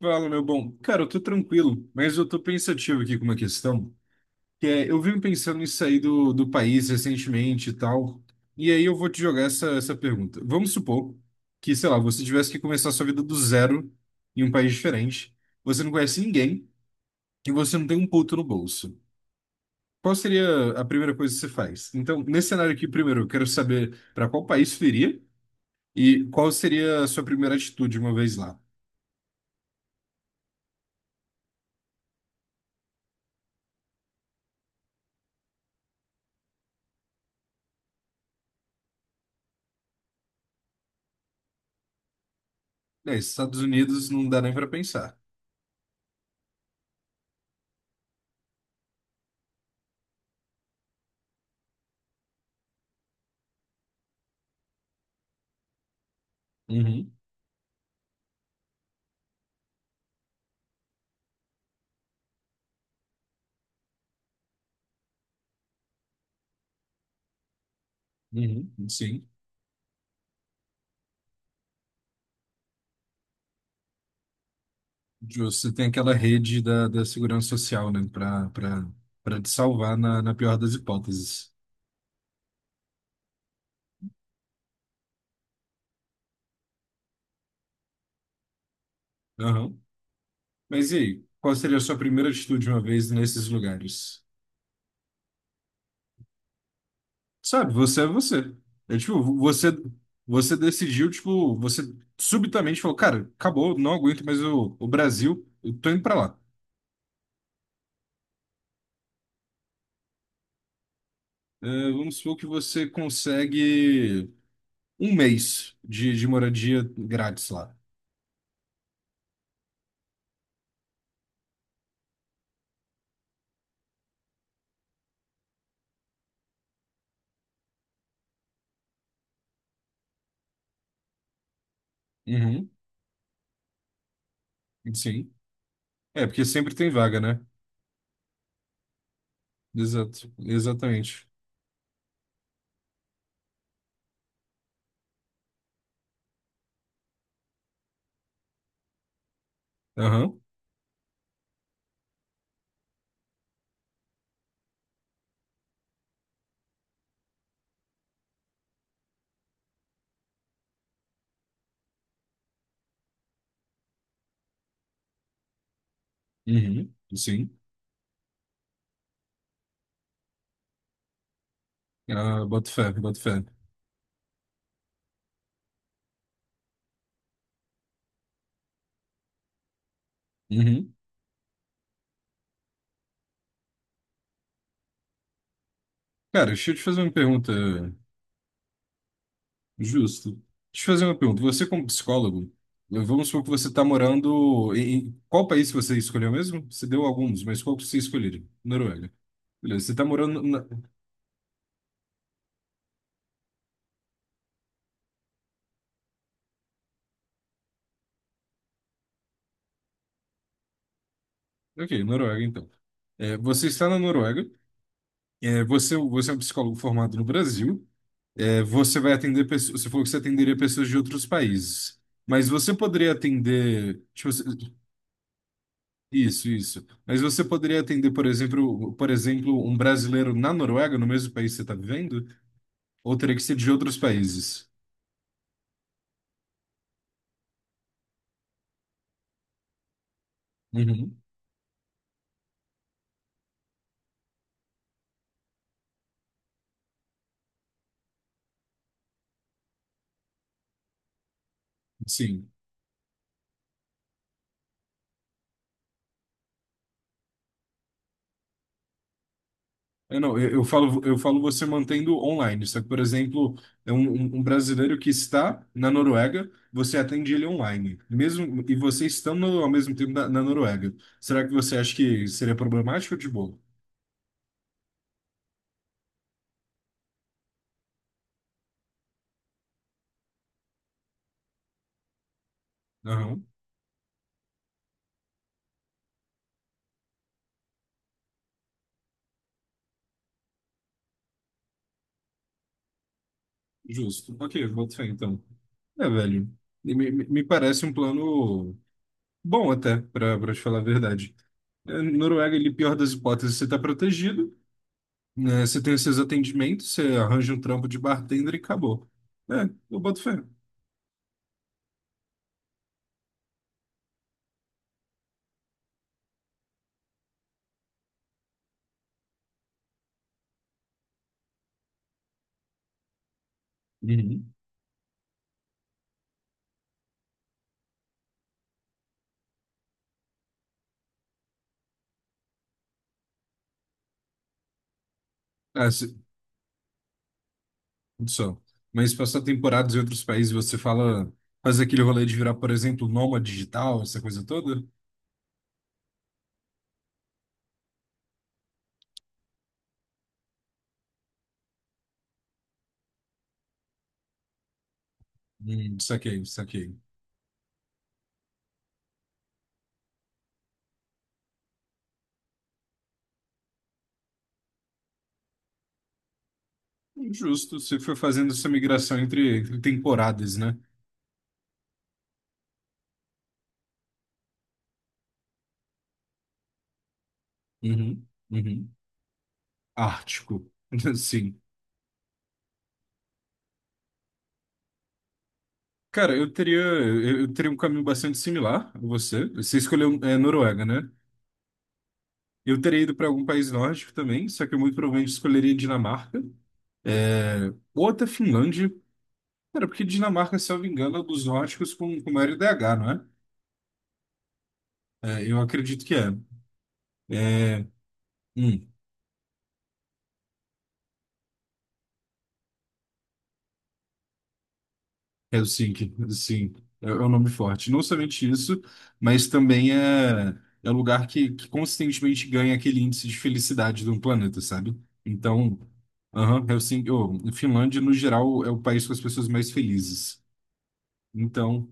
Fala, meu bom. Cara, eu tô tranquilo, mas eu tô pensativo aqui com uma questão, que é, eu vim pensando em sair do país recentemente e tal, e aí eu vou te jogar essa pergunta. Vamos supor que, sei lá, você tivesse que começar a sua vida do zero em um país diferente, você não conhece ninguém e você não tem um puto no bolso. Qual seria a primeira coisa que você faz? Então, nesse cenário aqui, primeiro, eu quero saber para qual país você iria e qual seria a sua primeira atitude uma vez lá. É, Estados Unidos não dá nem para pensar. Uhum, sim. Justo. Você tem aquela rede da segurança social, né? para pra te salvar na pior das hipóteses. Aham. Mas e aí? Qual seria a sua primeira atitude uma vez nesses lugares? Sabe, você. É tipo, você, você decidiu, tipo, você subitamente falou, cara, acabou, não aguento mais o Brasil, eu tô indo pra lá. É, vamos supor que você consegue um mês de moradia grátis lá. Uhum, sim. É, porque sempre tem vaga, né? Exato, exatamente. Aham, uhum, sim. Ah, boto fé, boto fé. Uhum. Cara, deixa eu te fazer uma pergunta, justo. Deixa eu te fazer uma pergunta. Você, como psicólogo, vamos supor que você está morando em... em- Qual país que você escolheu mesmo? Você deu alguns, mas qual que você escolheria? Noruega. Beleza, você está morando na... Ok, Noruega, então. É, você está na Noruega, é, você, você é um psicólogo formado no Brasil. Você vai atender pessoas. Você falou que você atenderia pessoas de outros países. Mas você poderia atender, tipo, se- isso, isso. Mas você poderia atender, por exemplo, um brasileiro na Noruega, no mesmo país que você está vivendo? Ou teria que ser de outros países? Uhum. Sim. Eu não, eu falo você mantendo online. Só que, por exemplo, é um, um brasileiro que está na Noruega, você atende ele online. Mesmo, e você estando ao mesmo tempo na Noruega. Será que você acha que seria problemático ou de boa? Aham, justo. Ok, boto fé então. É, velho, me, me parece um plano bom até, pra, pra te falar a verdade. É, Noruega, ele, pior das hipóteses, você tá protegido, né? Você tem os seus atendimentos, você arranja um trampo de bartender e acabou. É, eu boto fé. Uhum. Ah, se, tudo só. Mas passar temporadas em outros países, você fala, faz aquele rolê de virar, por exemplo, nômade digital, essa coisa toda? Saquei, saquei. Justo, você foi fazendo essa migração entre, entre temporadas, né? Uhum, uhum. Ártico. Sim. Cara, eu teria um caminho bastante similar a você. Você escolheu, é, Noruega, né? Eu teria ido para algum país nórdico também, só que eu muito provavelmente escolheria Dinamarca. É, ou até Finlândia. Cara, porque Dinamarca, se eu não me engano, é dos nórdicos com maior IDH, não é? É, eu acredito que é. É, hum, Helsinki, sim, é, é um nome forte. Não somente isso, mas também é, é um lugar que consistentemente ganha aquele índice de felicidade do planeta, sabe? Então, aham, Helsinki, oh, Finlândia, no geral, é o país com as pessoas mais felizes. Então,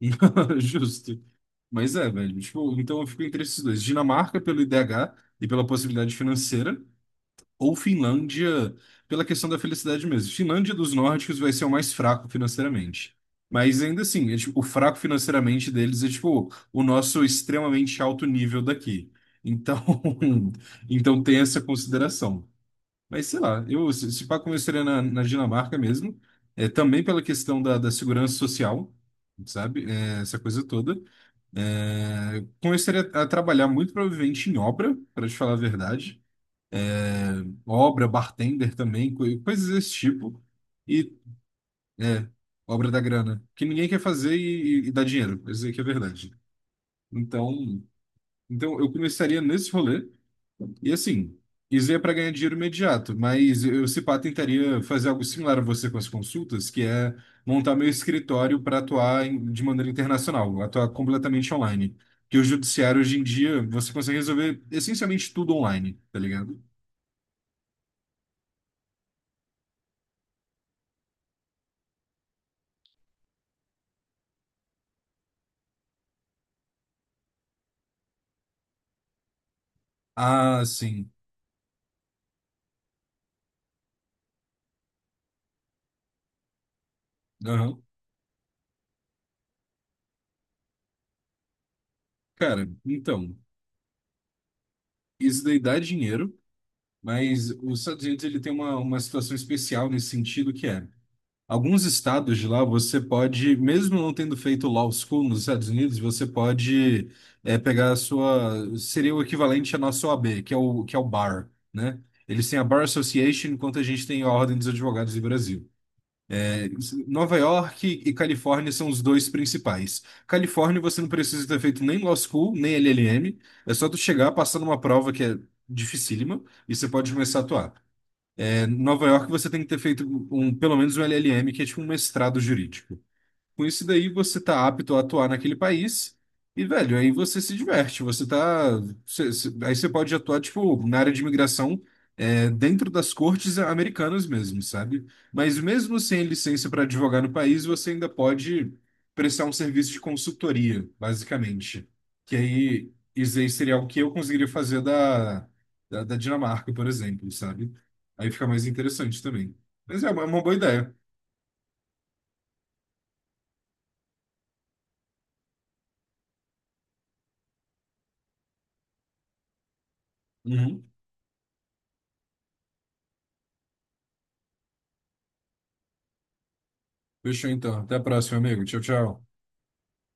justo. Mas é, velho, tipo, então eu fico entre esses dois. Dinamarca pelo IDH e pela possibilidade financeira, ou Finlândia, pela questão da felicidade mesmo. Finlândia dos nórdicos vai ser o mais fraco financeiramente. Mas ainda assim, é, tipo, o fraco financeiramente deles é tipo o nosso extremamente alto nível daqui. Então, então tem essa consideração. Mas sei lá, eu se se pá começaria na Dinamarca mesmo, é, também pela questão da segurança social, sabe? É, essa coisa toda. É, começaria a trabalhar muito provavelmente em obra, para te falar a verdade. É, obra, bartender também, coi- coisas desse tipo. E é, obra da grana, que ninguém quer fazer e, e dá dinheiro. Isso aí que é verdade. Então, então eu começaria nesse rolê. E assim, isso é para ganhar dinheiro imediato, mas eu, se pá, tentaria fazer algo similar a você com as consultas, que é montar meu escritório para atuar em- de maneira internacional, atuar completamente online. Que o judiciário hoje em dia você consegue resolver essencialmente tudo online, tá ligado? Ah, sim. Aham. Cara, então, isso daí dá dinheiro, mas os Estados Unidos ele tem uma situação especial nesse sentido que é, alguns estados de lá você pode, mesmo não tendo feito law school nos Estados Unidos, você pode é, pegar a sua, seria o equivalente à nossa OAB, que é o BAR, né? Eles têm a Bar Association, enquanto a gente tem a Ordem dos Advogados do Brasil. Nova York e Califórnia são os dois principais. Califórnia você não precisa ter feito nem Law School, nem LLM. É só tu chegar, passar numa prova que é dificílima e você pode começar a atuar. É, Nova York você tem que ter feito um, pelo menos um LLM, que é tipo um mestrado jurídico. Com isso daí você tá apto a atuar naquele país e, velho, aí você se diverte, você tá... cê- cê- aí você pode atuar, tipo, na área de imigração é, dentro das cortes americanas mesmo, sabe? Mas mesmo sem licença para advogar no país, você ainda pode prestar um serviço de consultoria, basicamente. Que aí, isso aí seria algo que eu conseguiria fazer da, da, da Dinamarca, por exemplo, sabe? Aí fica mais interessante também. Mas é uma boa ideia. Uhum. Fechou então. Até a próxima, amigo. Tchau, tchau.